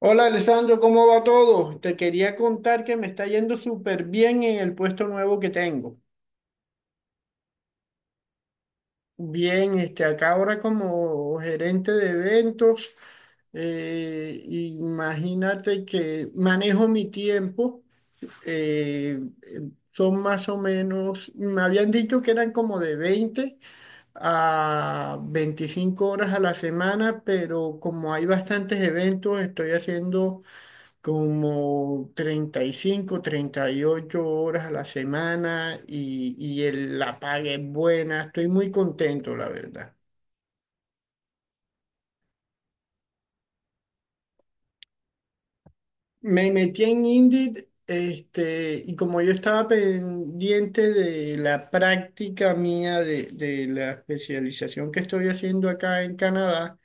Hola Alessandro, ¿cómo va todo? Te quería contar que me está yendo súper bien en el puesto nuevo que tengo. Bien, acá ahora como gerente de eventos. Imagínate que manejo mi tiempo. eh, eh, Son más o menos, me habían dicho que eran como de 20 a 25 horas a la semana, pero como hay bastantes eventos, estoy haciendo como 35, 38 horas a la semana, y la paga es buena. Estoy muy contento, la verdad. Me metí en Indeed, y como yo estaba pendiente de la práctica mía de la especialización que estoy haciendo acá en Canadá.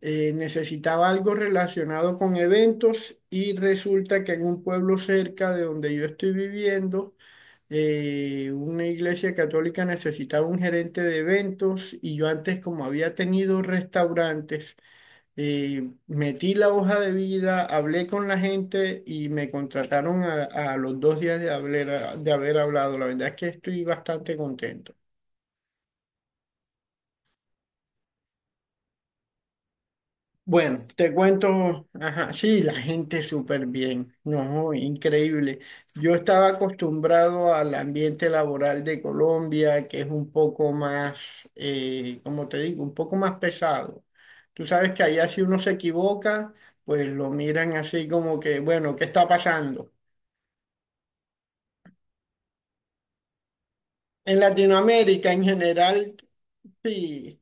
Necesitaba algo relacionado con eventos, y resulta que en un pueblo cerca de donde yo estoy viviendo, una iglesia católica necesitaba un gerente de eventos, y yo antes como había tenido restaurantes. Metí la hoja de vida, hablé con la gente y me contrataron a los 2 días de de haber hablado. La verdad es que estoy bastante contento. Bueno, te cuento, ajá, sí, la gente súper bien, no, increíble. Yo estaba acostumbrado al ambiente laboral de Colombia, que es un poco más, como te digo, un poco más pesado. Tú sabes que allá si uno se equivoca, pues lo miran así como que, bueno, ¿qué está pasando? En Latinoamérica en general, sí.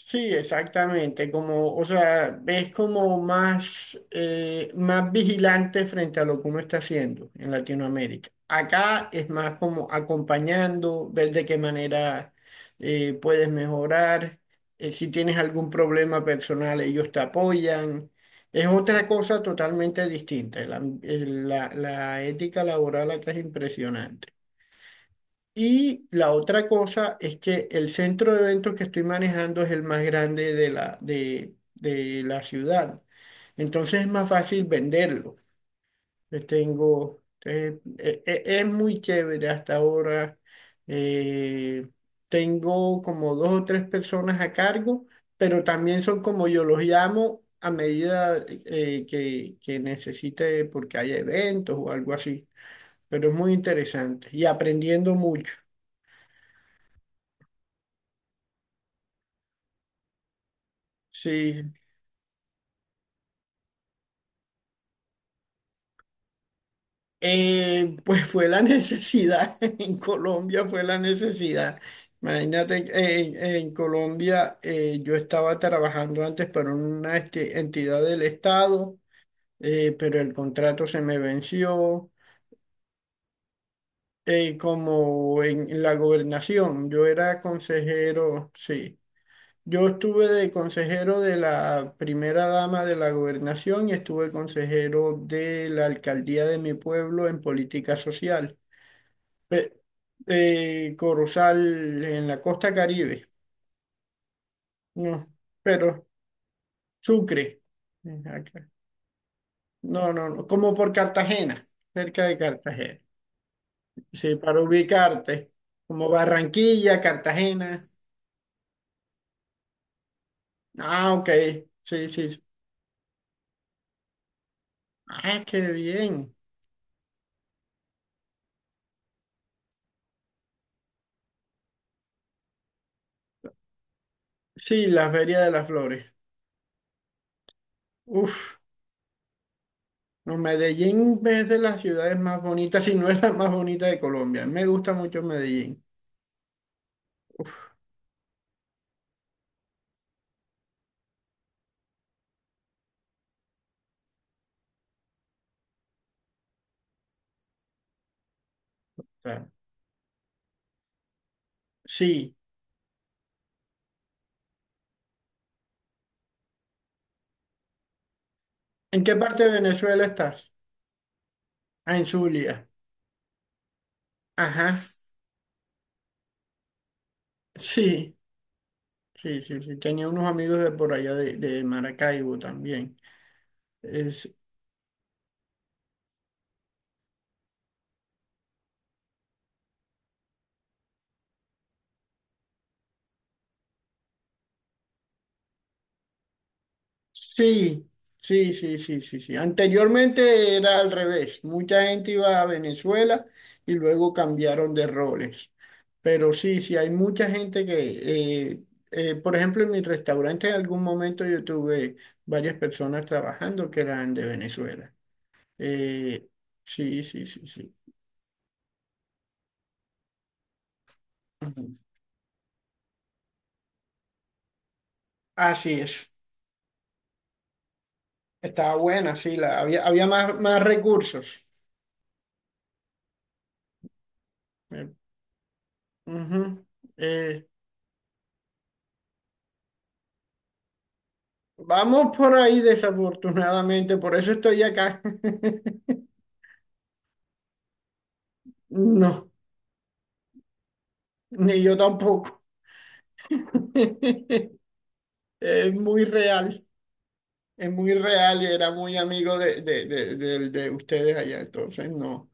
Sí, exactamente, como, o sea, es como más, más vigilante frente a lo que uno está haciendo en Latinoamérica. Acá es más como acompañando, ver de qué manera puedes mejorar. Si tienes algún problema personal, ellos te apoyan. Es otra cosa totalmente distinta. La ética laboral acá es impresionante. Y la otra cosa es que el centro de eventos que estoy manejando es el más grande de de la ciudad. Entonces es más fácil venderlo. Le tengo, e- e- Es muy chévere hasta ahora. Eh, Tengo como dos o tres personas a cargo, pero también son como yo los llamo a medida que necesite, porque hay eventos o algo así. Pero es muy interesante y aprendiendo mucho. Sí. Pues fue la necesidad, en Colombia fue la necesidad. Imagínate, en Colombia yo estaba trabajando antes para una entidad del Estado. Pero el contrato se me venció. Como en la gobernación, yo era consejero, sí. Yo estuve de consejero de la primera dama de la gobernación y estuve consejero de la alcaldía de mi pueblo en política social. Corozal, en la costa Caribe. No, pero Sucre. Acá. No, no, no, como por Cartagena, cerca de Cartagena, sí, para ubicarte, como Barranquilla, Cartagena. Ah, ok, sí, sí. Ah, qué bien. Sí, la Feria de las Flores. Uf, no, Medellín es de las ciudades más bonitas, si no es la más bonita de Colombia, me gusta mucho Medellín. Uf, o sea, sí. ¿En qué parte de Venezuela estás? Ah, en Zulia. Ajá, sí, sí, sí, sí. Tenía unos amigos de por allá de Maracaibo también. Es, sí, sí, sí, sí, sí, sí. Anteriormente era al revés. Mucha gente iba a Venezuela y luego cambiaron de roles. Pero sí, sí, hay mucha gente que, por ejemplo, en mi restaurante en algún momento yo tuve varias personas trabajando que eran de Venezuela. Eh, sí, sí, sí, sí. Ujú. Así es. Estaba buena, sí, había, había más, más recursos. Eh, Ujú. Eh, Vamos por ahí, desafortunadamente, por eso estoy acá. No, ni yo tampoco. Es muy real, es muy real y era muy amigo de, de ustedes allá, entonces no,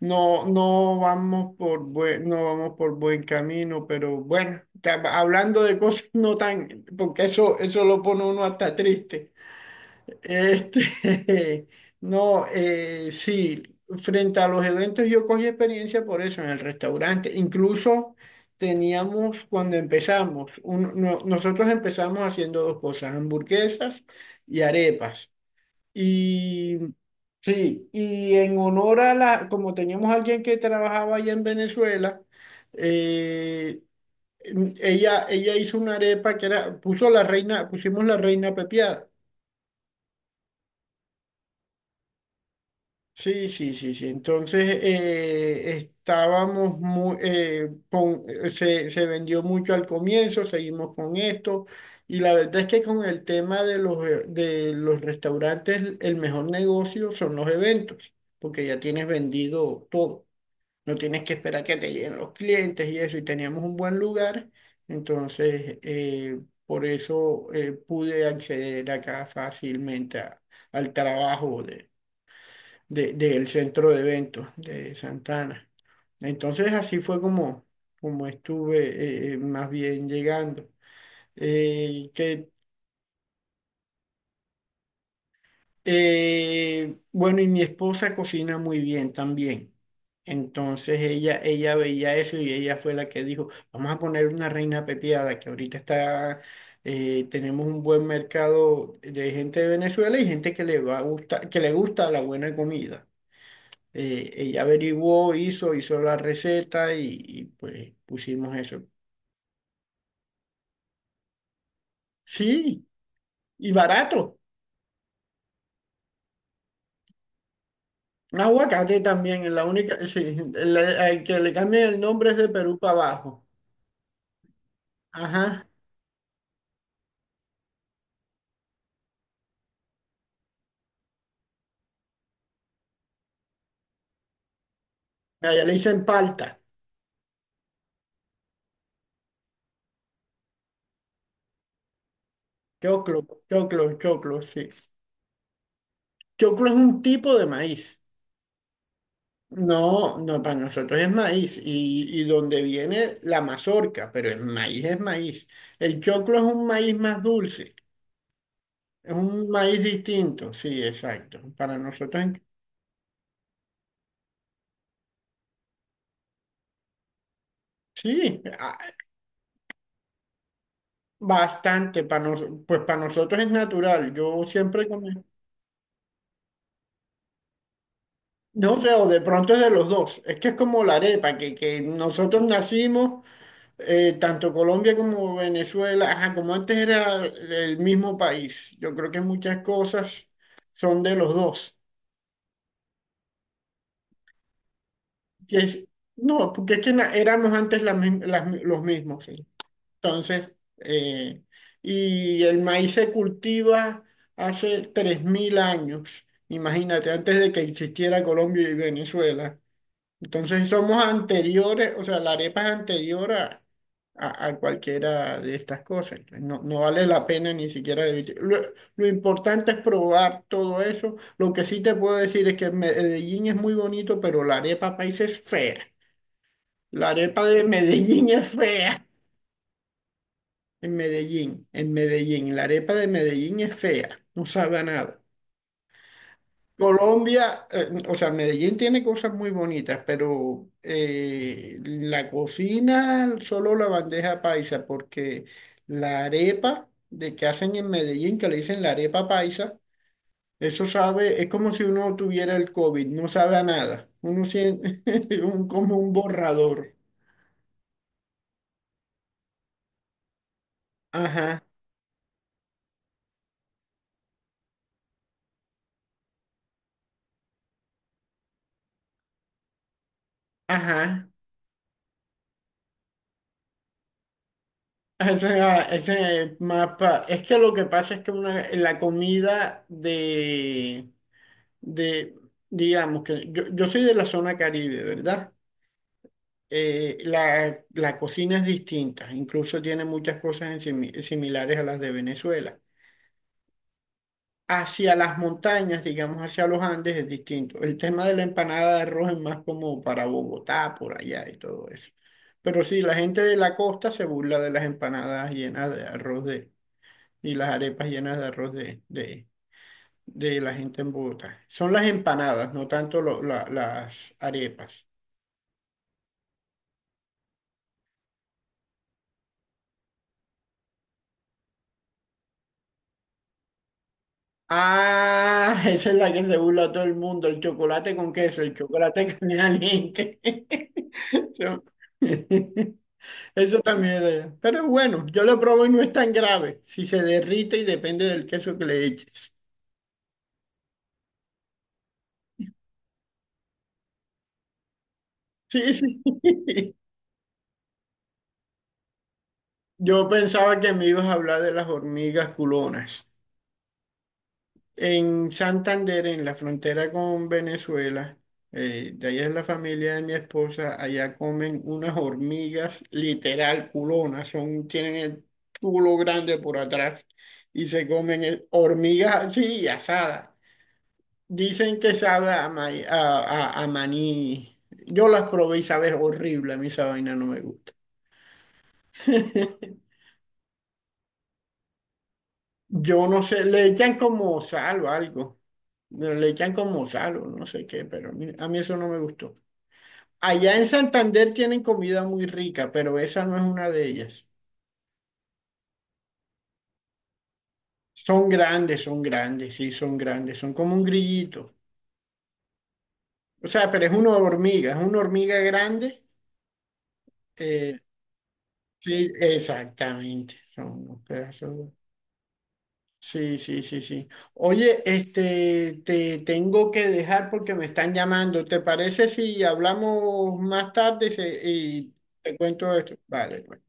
no, no vamos por buen camino, pero bueno, hablando de cosas no tan, porque eso lo pone uno hasta triste. Este, no, sí, frente a los eventos yo cogí experiencia por eso en el restaurante. Incluso teníamos, cuando empezamos, nosotros empezamos haciendo dos cosas, hamburguesas y arepas. Y sí, y en honor a la, como teníamos alguien que trabajaba allá en Venezuela, eh, ella hizo una arepa que era, pusimos la reina pepiada. Sí, sí, sí, sí. Entonces estábamos muy, se vendió mucho al comienzo, seguimos con esto, y la verdad es que con el tema de los restaurantes, el mejor negocio son los eventos, porque ya tienes vendido todo, no tienes que esperar que te lleguen los clientes y eso, y teníamos un buen lugar. Entonces por eso pude acceder acá fácilmente al trabajo del centro de eventos de Santana. Entonces así fue como, como estuve más bien llegando. Eh, que, bueno, y mi esposa cocina muy bien también. Entonces ella veía eso y ella fue la que dijo, vamos a poner una reina pepiada, que ahorita está, tenemos un buen mercado de gente de Venezuela y gente que le va a gustar, que le gusta la buena comida. Ella averiguó, hizo la receta y pues pusimos eso. Sí, y barato. Un aguacate también, es la única, sí, el que le cambien el nombre es de Perú para abajo. Ajá, allá le dicen palta, choclo, choclo, choclo, sí. Choclo es un tipo de maíz. No, no, para nosotros es maíz y donde viene la mazorca, pero el maíz es maíz. El choclo es un maíz más dulce. Es un maíz distinto, sí, exacto. Para nosotros, en- sí, ah, bastante. Para nos- pues para nosotros es natural. Yo siempre comí. No sé, o de pronto es de los dos. Es que es como la arepa, que nosotros nacimos, tanto Colombia como Venezuela, ajá, como antes era el mismo país. Yo creo que muchas cosas son de los dos. Que es- no, porque es que éramos antes la mi- las mi- los mismos. Sí. Entonces, y el maíz se cultiva hace 3.000 años, imagínate, antes de que existiera Colombia y Venezuela. Entonces somos anteriores, o sea, la arepa es anterior a, a cualquiera de estas cosas. Entonces, no, no vale la pena ni siquiera debatir. Lo importante es probar todo eso. Lo que sí te puedo decir es que Medellín es muy bonito, pero la arepa país es fea. La arepa de Medellín es fea. En Medellín, en Medellín. La arepa de Medellín es fea, no sabe a nada. Colombia, o sea, Medellín tiene cosas muy bonitas, pero la cocina, solo la bandeja paisa, porque la arepa de que hacen en Medellín, que le dicen la arepa paisa, eso sabe, es como si uno tuviera el COVID, no sabe a nada. Uno siente como un borrador. Ajá, ajá. Ese mapa, es que lo que pasa es que una, la comida de, digamos que yo soy de la zona Caribe, ¿verdad? La cocina es distinta, incluso tiene muchas cosas en similares a las de Venezuela. Hacia las montañas, digamos, hacia los Andes es distinto. El tema de la empanada de arroz es más como para Bogotá, por allá y todo eso. Pero sí, la gente de la costa se burla de las empanadas llenas de arroz y las arepas llenas de arroz de la gente en Bogotá. Son las empanadas, no tanto las arepas. Ah, esa es la que se burla a todo el mundo, el chocolate con queso, el chocolate caliente. Yo- Eso también es de allá. Pero bueno, yo lo probo y no es tan grave. Si se derrite y depende del queso que le eches. Sí, sí. Yo pensaba que me ibas a hablar de las hormigas culonas. En Santander, en la frontera con Venezuela, de allá es la familia de mi esposa, allá comen unas hormigas literal culonas, son, tienen el culo grande por atrás y se comen hormigas así asadas. Dicen que sabe a, a maní. Yo las probé y sabe horrible, a mí esa vaina no me gusta. Yo no sé, le echan como sal o algo, le echan como sal o no sé qué, pero a mí eso no me gustó. Allá en Santander tienen comida muy rica, pero esa no es una de ellas. Son grandes, sí, son grandes, son como un grillito. O sea, pero es una hormiga grande. eh, sí, exactamente, son unos pedazos. De- Sí, sí, sí, sí. Oye, este, te tengo que dejar porque me están llamando. ¿Te parece si hablamos más tarde y te cuento esto? Vale, pues.